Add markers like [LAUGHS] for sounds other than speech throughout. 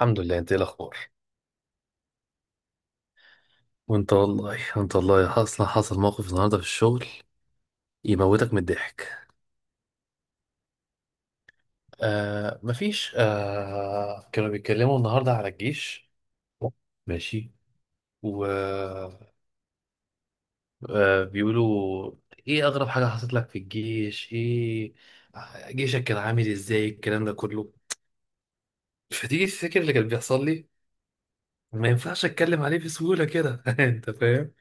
الحمد لله، انت ايه الاخبار؟ وانت والله، اصلا حصل موقف النهارده في الشغل يموتك من الضحك. آه مفيش آه كانوا بيتكلموا النهارده على الجيش. ماشي. و بيقولوا ايه اغرب حاجه حصلت لك في الجيش؟ ايه جيشك كان عامل ازاي؟ الكلام ده كله فتيجي تفتكر اللي كان بيحصل لي. ما ينفعش اتكلم عليه بسهوله كده. [LAUGHS] انت فاهم.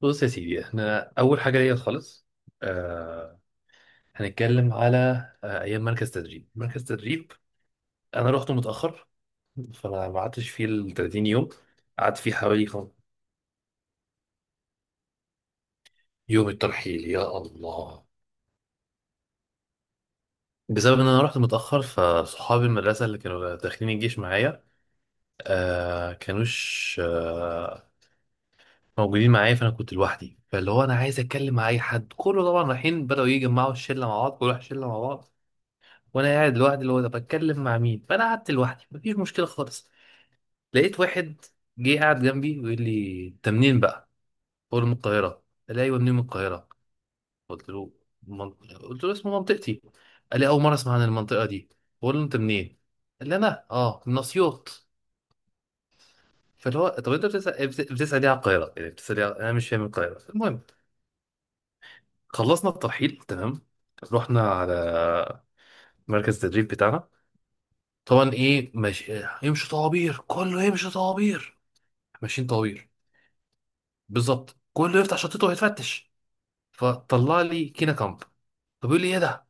بص يا سيدي، احنا اول حاجه ليا خالص هنتكلم على ايام مركز تدريب. انا رحته متاخر، فانا ما قعدتش فيه ال 30 يوم. قعدت فيه حوالي يوم الترحيل يا الله. بسبب ان انا رحت متاخر، فصحابي المدرسه اللي كانوا داخلين الجيش معايا كانوش موجودين معايا. فانا كنت لوحدي، فاللي هو انا عايز اتكلم مع اي حد، كله طبعا رايحين بداوا يجمعوا الشله مع بعض، كل واحد شله مع بعض. وانا قاعد لوحدي، اللي هو ده بتكلم مع مين؟ فانا قعدت لوحدي مفيش مشكله خالص. لقيت واحد جه قاعد جنبي ويقول لي انت منين بقى؟ بقول له من القاهرة. قال لي ايوه منين من القاهرة؟ قلت له قلت له اسمه منطقتي. قال لي اول مرة اسمع عن المنطقة دي. بقول له انت منين؟ قال لي انا من اسيوط. فاللي هو طب انت بتسأل، بتسأل ليه على القاهرة؟ يعني بتسأل ليه انا مش فاهم من القاهرة. المهم، خلصنا الترحيل تمام. رحنا على مركز التدريب بتاعنا. طبعا ايه ماشي إيه، يمشي طوابير، كله يمشي طوابير. ماشيين طوابير بالظبط. كله يفتح شنطته ويتفتش. فطلع لي كينا كامب، فبيقول لي ايه ده؟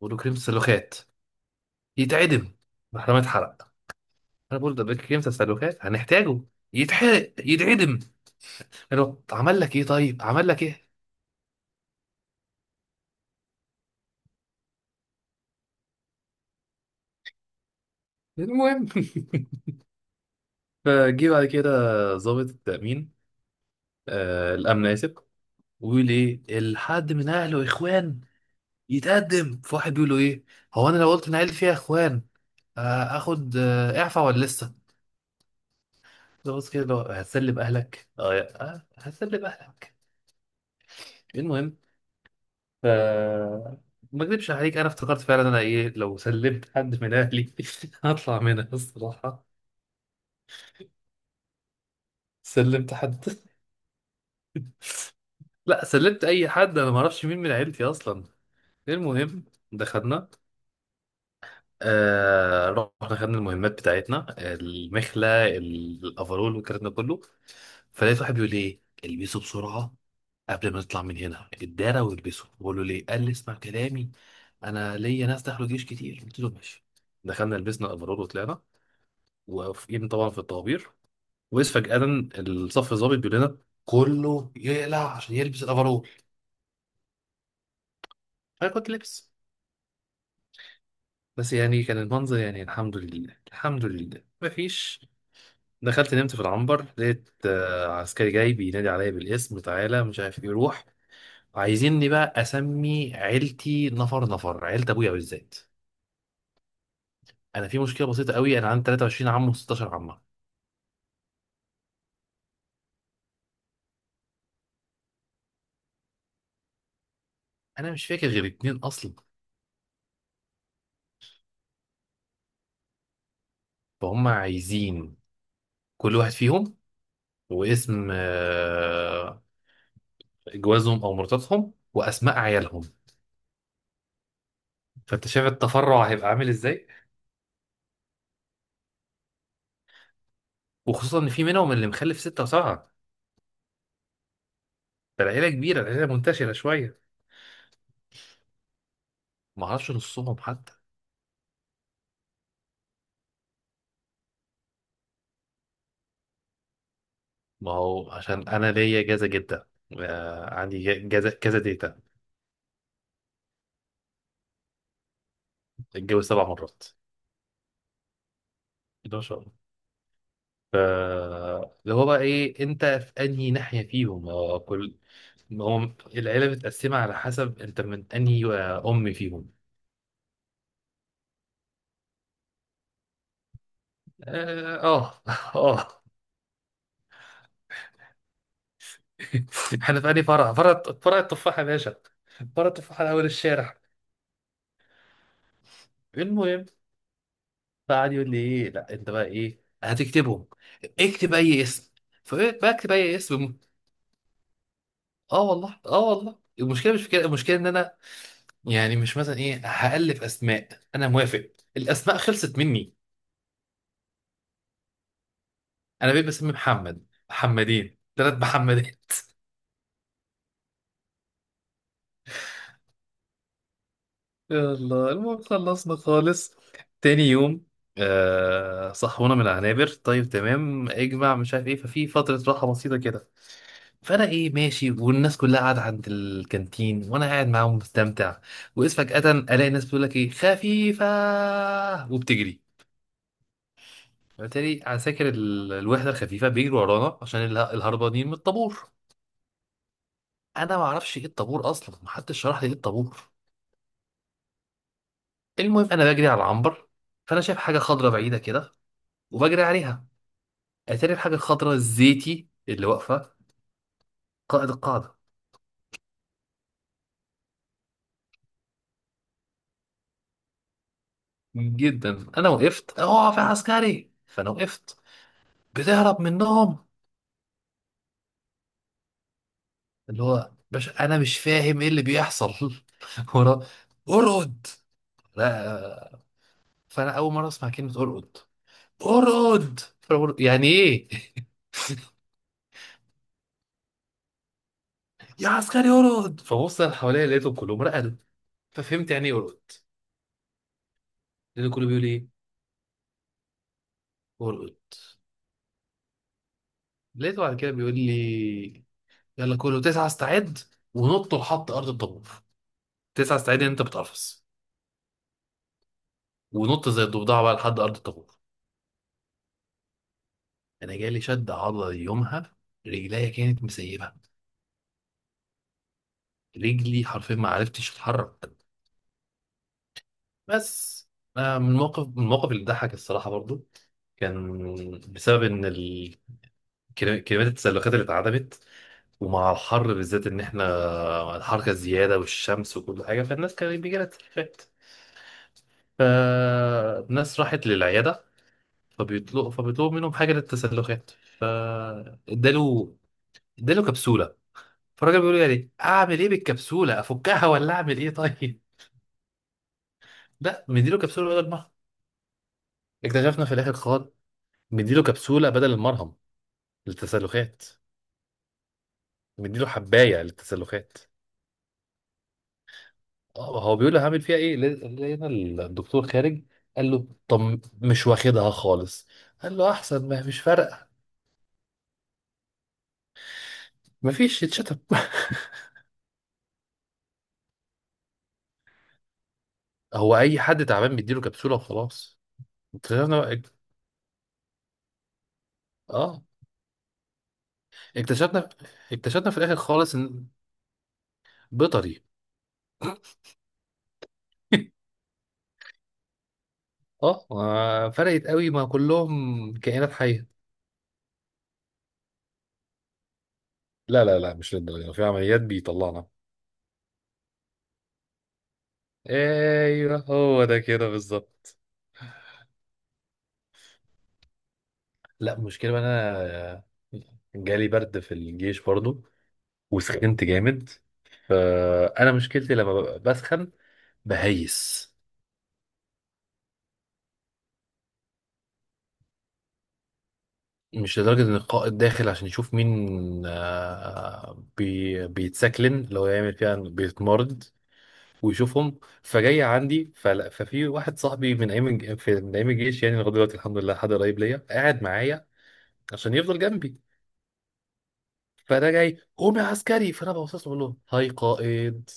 بقول له كريم السلوخات. يتعدم. محرمة اتحرق. انا بقول ده كريم السلوخات هنحتاجه. يتحرق يتعدم. قال له طب عمل لك ايه طيب؟ عمل لك ايه؟ المهم. [LAUGHS] فجه بعد كده ضابط التأمين، الأمن، آسف. ويقول إيه الحد من أهله إخوان يتقدم. فواحد بيقول له إيه هو، أنا لو قلت إن عيلتي فيها إخوان آخد إعفاء ولا لسه؟ ضابط كده اللي هو هتسلب أهلك؟ آه آه، هتسلب أهلك. المهم، ف ما اكذبش عليك، انا افتكرت فعلا انا ايه لو سلمت حد من اهلي. [LAUGHS] هطلع منها الصراحه. سلمت حد. [LAUGHS] لا سلمت اي حد، انا ما اعرفش مين من عيلتي اصلا. المهم دخلنا. آه رحنا خدنا المهمات بتاعتنا، المخلة الأفرول والكلام ده كله. فلقيت واحد بيقول لي إيه البسوا بسرعة قبل ما نطلع من هنا الدارة. والبسوا. بقول له ليه؟ قال لي اسمع كلامي، أنا ليا ناس دخلوا جيش كتير. قلت له ماشي. دخلنا لبسنا الأفرول وطلعنا، واقفين طبعا في الطوابير، وإذ فجأة الصف الضابط بيقول لنا كله يقلع عشان يلبس الأفرول. أنا كنت لابس، بس يعني كان المنظر يعني الحمد لله الحمد لله مفيش. دخلت نمت في العنبر، لقيت عسكري جاي بينادي عليا بالاسم، تعالى مش عارف ايه روح. عايزيني بقى اسمي عيلتي نفر نفر، عيلة ابويا بالذات. انا في مشكله بسيطه قوي، انا عندي 23 عم و16 عمه. انا مش فاكر غير اتنين اصلا. فهم عايزين كل واحد فيهم، واسم جوازهم او مراتاتهم واسماء عيالهم. فانت شايف التفرع هيبقى عامل ازاي؟ وخصوصا ان في منهم اللي مخلف 6 و7. فالعيله كبيره، العيله منتشره شويه. ما اعرفش نصهم حتى. ما هو عشان انا ليا جازة جدا، عندي جازة كذا ديتا. اتجوز 7 مرات. ده ما شاء الله. ف اللي هو بقى ايه انت في انهي ناحية فيهم؟ هو كل ما هو العيلة متقسمة على حسب انت من انهي ام فيهم. اه اه. [LAUGHS] آه. احنا في انهي فرع التفاحة يا باشا، فرع التفاحة على اول الشارع. المهم، فقعد يقول لي ايه لا انت بقى ايه هتكتبهم. اكتب اي اسم. فبكتب اي اسم. اه والله اه والله المشكله مش في كده، المشكله ان انا يعني مش مثلا ايه هالف اسماء. انا موافق. الاسماء خلصت مني. انا بقيت بسمي محمد محمدين 3 محمدات. يلا المهم خلصنا خالص. تاني يوم صحونا من العنابر، طيب تمام اجمع مش عارف ايه، ففي فتره راحه بسيطه كده. فانا ايه ماشي، والناس كلها قاعده عند الكانتين وانا قاعد معاهم مستمتع. واذ فجاه الاقي ناس بتقول لك ايه خفيفه وبتجري. بالتالي عساكر الوحده الخفيفه بيجروا ورانا عشان الهربانين من الطابور. انا ما اعرفش ايه الطابور اصلا، محدش شرح لي ايه الطابور. المهم انا بجري على العنبر، فانا شايف حاجه خضراء بعيده كده وبجري عليها. اتاري الحاجه الخضراء الزيتي اللي واقفه قائد القاعده. جدا انا وقفت اقف يا عسكري، فانا وقفت. بتهرب منهم. اللي هو باش انا مش فاهم ايه اللي بيحصل. [LAUGHS] ورا. ارقد. لا. فانا اول مره اسمع كلمه ارقد. ارقد، فبقول يعني ايه؟ [LAUGHS] يا عسكري ارقد. فبص انا حواليا لقيتهم كلهم رقدوا، ففهمت يعني ايه ارقد. لقيته كله بيقول ايه ارقد. لقيته بعد كده بيقول لي يلا كله تسعة استعد ونط لحد ارض الطابور. تسعة استعد ان انت بتقفص ونط زي الضفدعه بقى لحد ارض الطابور. انا جالي شد عضلي يومها، رجليا كانت مسيبه، رجلي حرفيا ما عرفتش اتحرك. بس من الموقف اللي ضحك الصراحه برضو، كان بسبب ان كمية التسلخات اللي اتعدمت ومع الحر، بالذات ان احنا الحركة الزيادة والشمس وكل حاجة، فالناس كان بيجي لها تسلخات. فالناس راحت للعيادة، فبيطلبوا منهم حاجة للتسلخات. فاداله اداله كبسولة. فالراجل بيقول له يعني اعمل ايه بالكبسولة؟ افكها ولا اعمل ايه؟ [LAUGHS] طيب، لا مديله كبسولة بدل المرهم. اكتشفنا في الاخر خالص مديله كبسولة بدل المرهم للتسلخات. مديله حباية للتسلخات. هو بيقول له هعمل فيها ايه؟ لقينا الدكتور خارج، قال له طب مش واخدها خالص. قال له احسن ما مش فارقه. مفيش يتشتم. [LAUGHS] هو اي حد تعبان بيديله كبسوله وخلاص. اكتشفنا اه اكتشفنا اكتشفنا في الاخر خالص ان بيطري. [LAUGHS] فرقت قوي ما كلهم كائنات حيه. لا لا لا مش للدرجه، في عمليات بيطلعنا. ايوه هو ده كده بالظبط. لا المشكلة بقى انا جالي برد في الجيش برضو وسخنت جامد. فانا مشكلتي لما ببقى بسخن بهيس. مش لدرجة ان القائد داخل عشان يشوف مين آه، بي بيتسكلن لو يعمل فيها إنه بيتمرد ويشوفهم، فجاي عندي. فلا ففي واحد صاحبي من ايام الجيش، يعني لغايه دلوقتي الحمد لله حد قريب ليا قاعد معايا عشان يفضل جنبي. فده جاي قوم يا عسكري، فانا ببص له بقول له هاي قائد،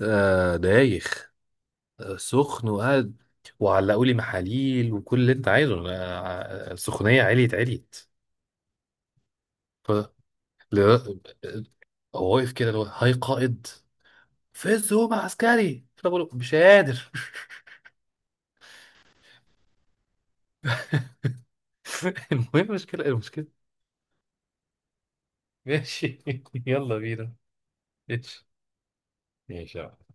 دايخ. سخن وقعد وعلقوا لي محاليل وكل اللي انت عايزه، السخونيه عليت عليت. ف ل- هو واقف كده اللي هو هاي قائد. فز هو عسكري، فانا بقول له مش قادر. [LAUGHS] المهم المشكله. ماشي. [LAUGHS] يلا بينا. ماشي ماشي يا عم.